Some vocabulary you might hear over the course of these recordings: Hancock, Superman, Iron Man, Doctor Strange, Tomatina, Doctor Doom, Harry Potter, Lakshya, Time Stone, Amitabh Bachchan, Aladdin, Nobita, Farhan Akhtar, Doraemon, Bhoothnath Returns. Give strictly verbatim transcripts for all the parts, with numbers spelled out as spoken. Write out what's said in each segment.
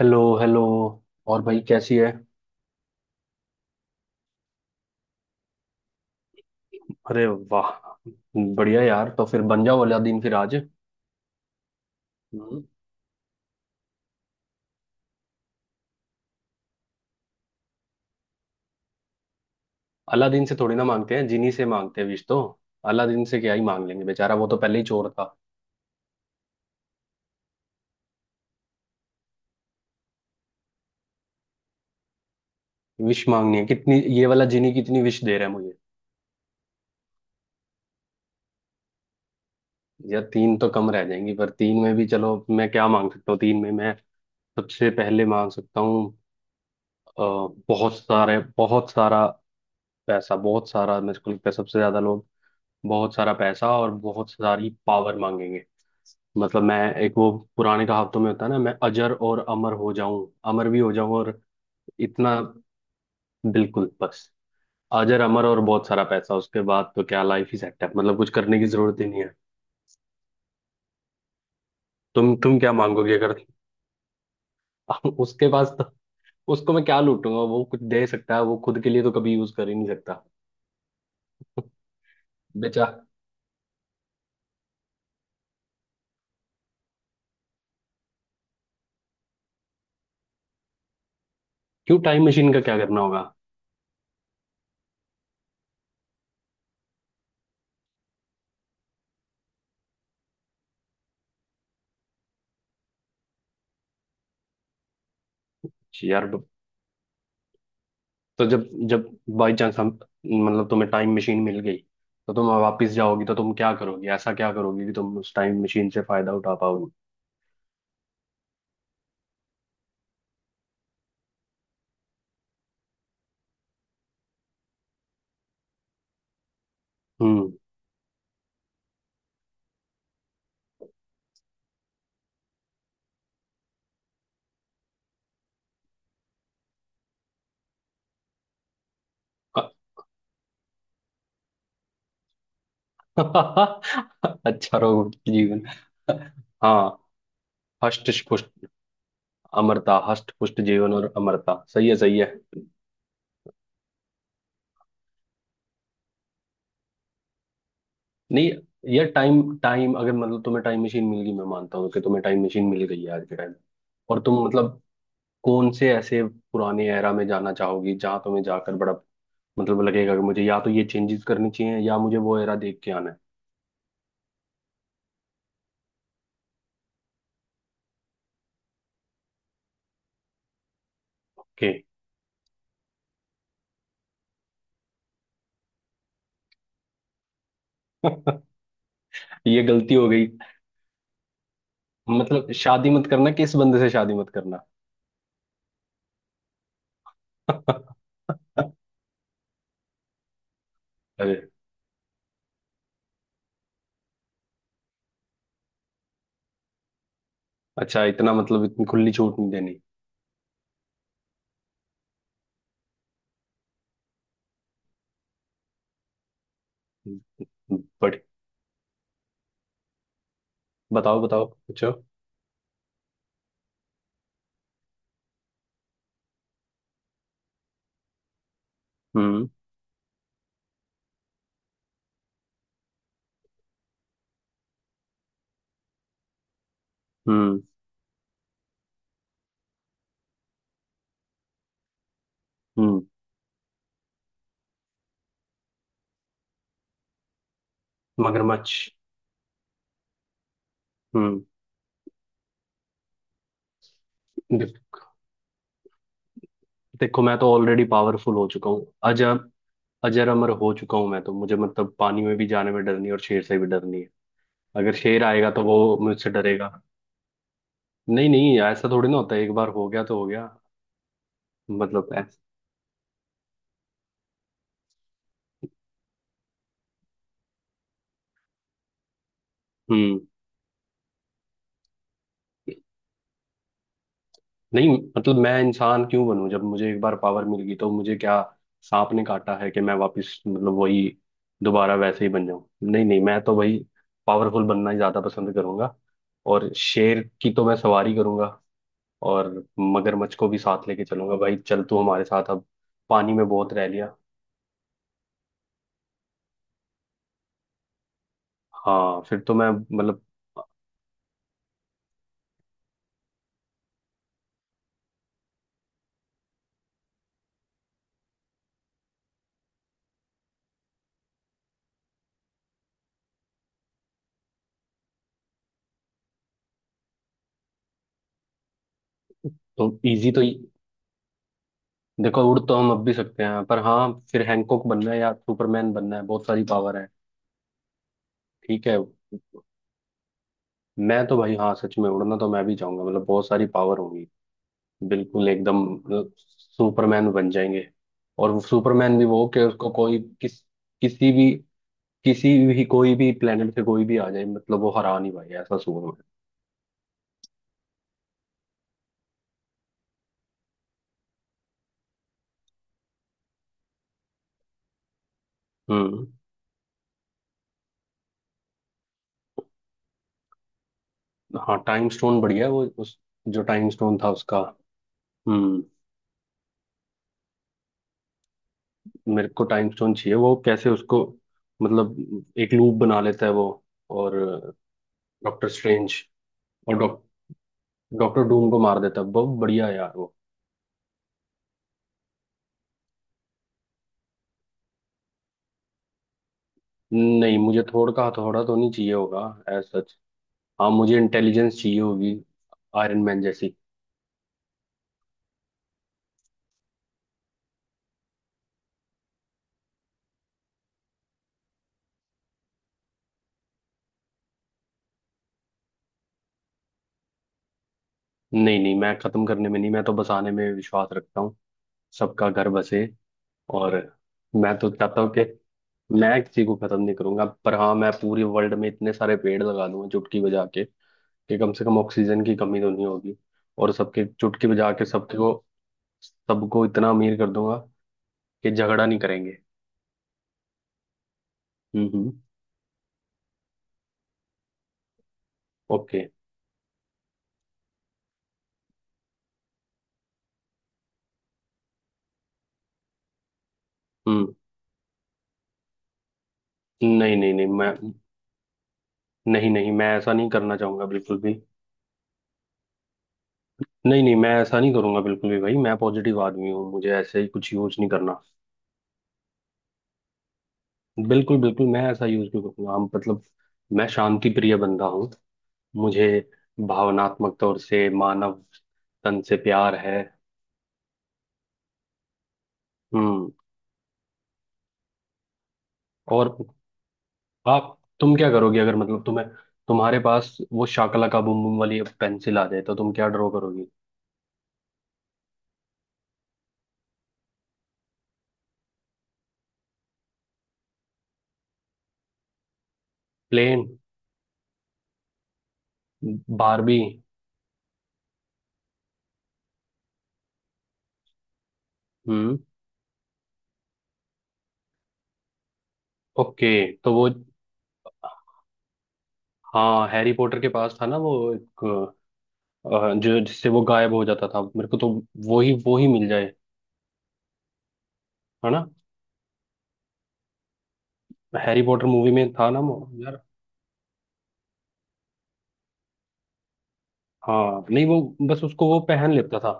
Hello hello. और भाई, कैसी है? अरे, वाह, बढ़िया यार। तो फिर बन जाओ अलादीन फिर आज। हम्म। अलादीन से थोड़ी ना मांगते हैं, जिनी से मांगते हैं विश तो। अलादीन से क्या ही मांग लेंगे, बेचारा वो तो पहले ही चोर था। विश मांगनी है कितनी? ये वाला जिनी कितनी विश दे रहा है मुझे? यार, तीन तो कम रह जाएंगी, पर तीन में भी चलो मैं क्या मांग सकता हूँ। तीन में मैं सबसे पहले मांग सकता हूँ। अ, बहुत सारे बहुत सारा पैसा। बहुत सारा, मेरे को लगता है सबसे ज्यादा लोग बहुत सारा पैसा और बहुत सारी पावर मांगेंगे। मतलब मैं एक वो पुराने कहावतों में होता है ना, मैं अजर और अमर हो जाऊं, अमर भी हो जाऊं और इतना। बिल्कुल, बस अजर अमर और बहुत सारा पैसा, उसके बाद तो क्या लाइफ ही सेट है। मतलब कुछ करने की जरूरत ही नहीं है। तुम तुम क्या मांगोगे अगर। उसके पास तो उसको मैं क्या लूटूंगा? वो कुछ दे सकता है, वो खुद के लिए तो कभी यूज कर ही नहीं सकता। बेचा क्यों, टाइम मशीन का क्या करना होगा? यार, तो जब जब बाई चांस हम मतलब तुम्हें टाइम मशीन मिल गई, तो तुम वापस जाओगी तो तुम क्या करोगी? ऐसा क्या करोगी कि तुम उस टाइम मशीन से फायदा उठा पाओगी? हम्म। अच्छा रहोगे जीवन। हाँ, हष्ट पुष्ट। अमरता, हष्ट पुष्ट जीवन और अमरता। सही है, सही है। नहीं, ये टाइम टाइम अगर मतलब तुम्हें टाइम मशीन मिल गई, मैं मानता हूँ कि तुम्हें टाइम मशीन मिल गई है आज के टाइम, और तुम मतलब कौन से ऐसे पुराने एरा में जाना चाहोगी जहां तुम्हें जाकर बड़ा मतलब लगेगा कि मुझे या तो ये चेंजेस करनी चाहिए या मुझे वो एरा देख के आना है। ओके। ये गलती हो गई। मतलब शादी मत करना, किस बंदे से शादी मत करना? अरे, अच्छा इतना मतलब इतनी खुली छूट नहीं देनी। बट बताओ, बताओ, पूछो। हम्म हम्म। हम्म। मगरमच्छ। हम्म। देख- देखो, मैं तो ऑलरेडी पावरफुल हो चुका हूँ। अजब, अजर अमर हो चुका हूं मैं तो, मुझे मतलब पानी में भी जाने में डर नहीं और शेर से भी डर नहीं है। अगर शेर आएगा तो वो मुझसे डरेगा। नहीं नहीं, ऐसा थोड़ी ना होता है, एक बार हो गया तो हो गया। मतलब ऐसा। हम्म। नहीं मतलब मैं इंसान क्यों बनूं? जब मुझे एक बार पावर मिल गई तो मुझे क्या सांप ने काटा है कि मैं वापस मतलब वही दोबारा वैसे ही बन जाऊं? नहीं नहीं, मैं तो वही पावरफुल बनना ही ज्यादा पसंद करूंगा। और शेर की तो मैं सवारी करूंगा। और मगरमच्छ को भी साथ लेके चलूंगा, भाई चल तू हमारे साथ अब। पानी में बहुत रह लिया। हाँ, फिर तो मैं मतलब। तो इजी तो। देखो, उड़ तो हम अब भी सकते हैं, पर हाँ फिर हैंकॉक बनना है या सुपरमैन बनना है, बहुत सारी पावर है। ठीक है। मैं तो भाई, हाँ, सच में उड़ना तो मैं भी चाहूंगा, मतलब बहुत सारी पावर होगी। बिल्कुल एकदम, मतलब सुपरमैन बन जाएंगे। और वो सुपरमैन भी वो, कि उसको कोई किस किसी भी किसी भी कोई भी प्लेनेट से कोई भी आ जाए, मतलब वो हरा नहीं पाएगा ऐसा सुपरमैन। हम्म। हाँ, टाइम स्टोन बढ़िया है वो। उस जो टाइम स्टोन था उसका। हम्म। मेरे को टाइम स्टोन चाहिए। वो कैसे उसको मतलब एक लूप बना लेता है वो। और डॉक्टर स्ट्रेंज। और डॉक डॉक्टर डूम को मार देता है, बहुत बढ़िया है यार वो। नहीं, मुझे थोड़ा का हथौड़ा तो नहीं चाहिए होगा। As such. हाँ, मुझे इंटेलिजेंस चाहिए होगी, आयरन मैन जैसी। नहीं नहीं, मैं खत्म करने में नहीं, मैं तो बसाने में विश्वास रखता हूँ। सबका घर बसे। और मैं तो चाहता हूँ कि मैं किसी को खत्म नहीं करूंगा, पर हाँ मैं पूरे वर्ल्ड में इतने सारे पेड़ लगा दूंगा चुटकी बजा के, कि कम से कम ऑक्सीजन की कमी तो नहीं होगी। और सबके चुटकी बजा के सबके को, सबको इतना अमीर कर दूंगा कि झगड़ा नहीं करेंगे। हम्म हम्म। ओके। हम्म। नहीं नहीं नहीं मैं। नहीं नहीं, मैं ऐसा नहीं करना चाहूंगा बिल्कुल भी। नहीं नहीं, मैं ऐसा नहीं करूंगा बिल्कुल भी, भाई मैं पॉजिटिव आदमी हूँ, मुझे ऐसे ही कुछ यूज नहीं करना। बिल्कुल बिल्कुल, मैं ऐसा यूज नहीं करूंगा। हम मतलब मैं शांति प्रिय बंदा हूँ। मुझे भावनात्मक तौर से मानव तन से प्यार है। हम्म। और आप तुम क्या करोगे अगर मतलब तुम्हें, तुम्हारे पास वो शाकला का बुम बुम वाली पेंसिल आ जाए तो तुम क्या ड्रॉ करोगी? प्लेन। बारबी। हम्म। ओके। तो वो, हाँ, हैरी पॉटर के पास था ना वो एक, अ, जो जिससे वो गायब हो जाता था। मेरे को तो वो ही वो ही मिल जाए, है ना। हैरी पॉटर मूवी में था ना वो। यार, हाँ, नहीं वो बस उसको वो पहन लेता था।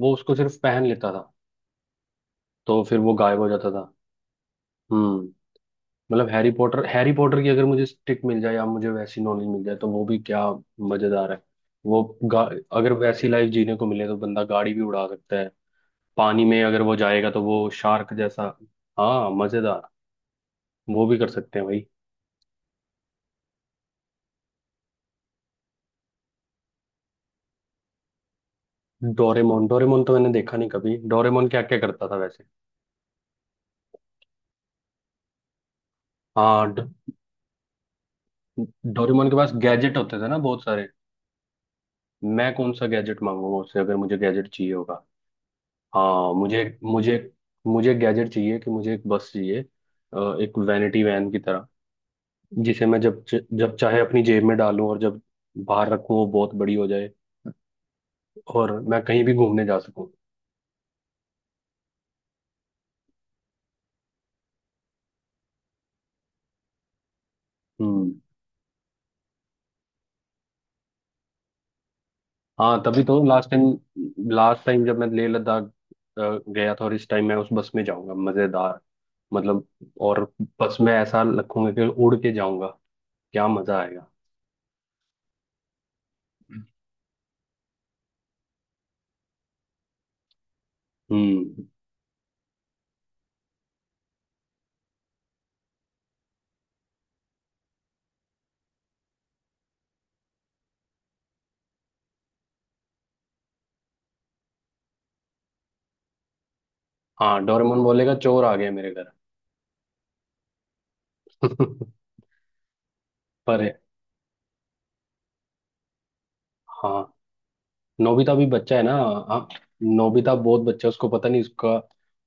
वो उसको सिर्फ पहन लेता था तो फिर वो गायब हो जाता था। हम्म। मतलब हैरी पॉटर, हैरी पॉटर की अगर मुझे स्टिक मिल जाए या मुझे वैसी नॉलेज मिल जाए तो वो भी क्या मजेदार है। वो गा, अगर वैसी लाइफ जीने को मिले तो बंदा गाड़ी भी उड़ा सकता है। पानी में अगर वो जाएगा तो वो शार्क जैसा। हाँ, मजेदार, वो भी कर सकते हैं भाई। डोरेमोन, डोरेमोन तो मैंने देखा नहीं कभी, डोरेमोन क्या क्या करता था वैसे? हाँ, ड- डोरेमोन के पास गैजेट होते थे ना बहुत सारे। मैं कौन सा गैजेट मांगूंगा उससे अगर मुझे गैजेट चाहिए होगा? हाँ, मुझे मुझे मुझे गैजेट चाहिए कि मुझे एक बस चाहिए। अ, एक वैनिटी वैन की तरह, जिसे मैं जब च- जब चाहे अपनी जेब में डालूं और जब बाहर रखूं वो बहुत बड़ी हो जाए, और मैं कहीं भी घूमने जा सकूं। हम्म। हाँ, तभी तो लास्ट टाइम, लास्ट टाइम जब मैं लेह लद्दाख अ, गया था, और इस टाइम मैं उस बस में जाऊंगा। मजेदार, मतलब। और बस में ऐसा रखूंगा कि उड़ के जाऊंगा, क्या मजा आएगा। हम्म। हाँ, डोरेमोन बोलेगा चोर आ गए मेरे घर। पर, हाँ, नोबिता भी बच्चा है ना। हाँ, नोबिता बहुत बच्चा है, उसको पता नहीं उसका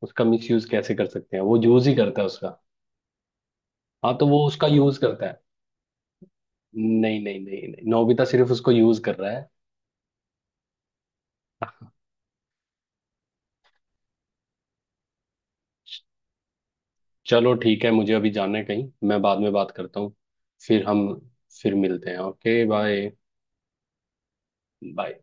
उसका मिसयूज कैसे कर सकते हैं, वो यूज ही करता है उसका। हाँ, तो वो उसका यूज करता है। नहीं नहीं नहीं नहीं, नोबिता सिर्फ उसको यूज कर रहा है। चलो ठीक है, मुझे अभी जाना है कहीं, मैं बाद में बात करता हूँ। फिर हम फिर मिलते हैं, ओके, बाय। बाय।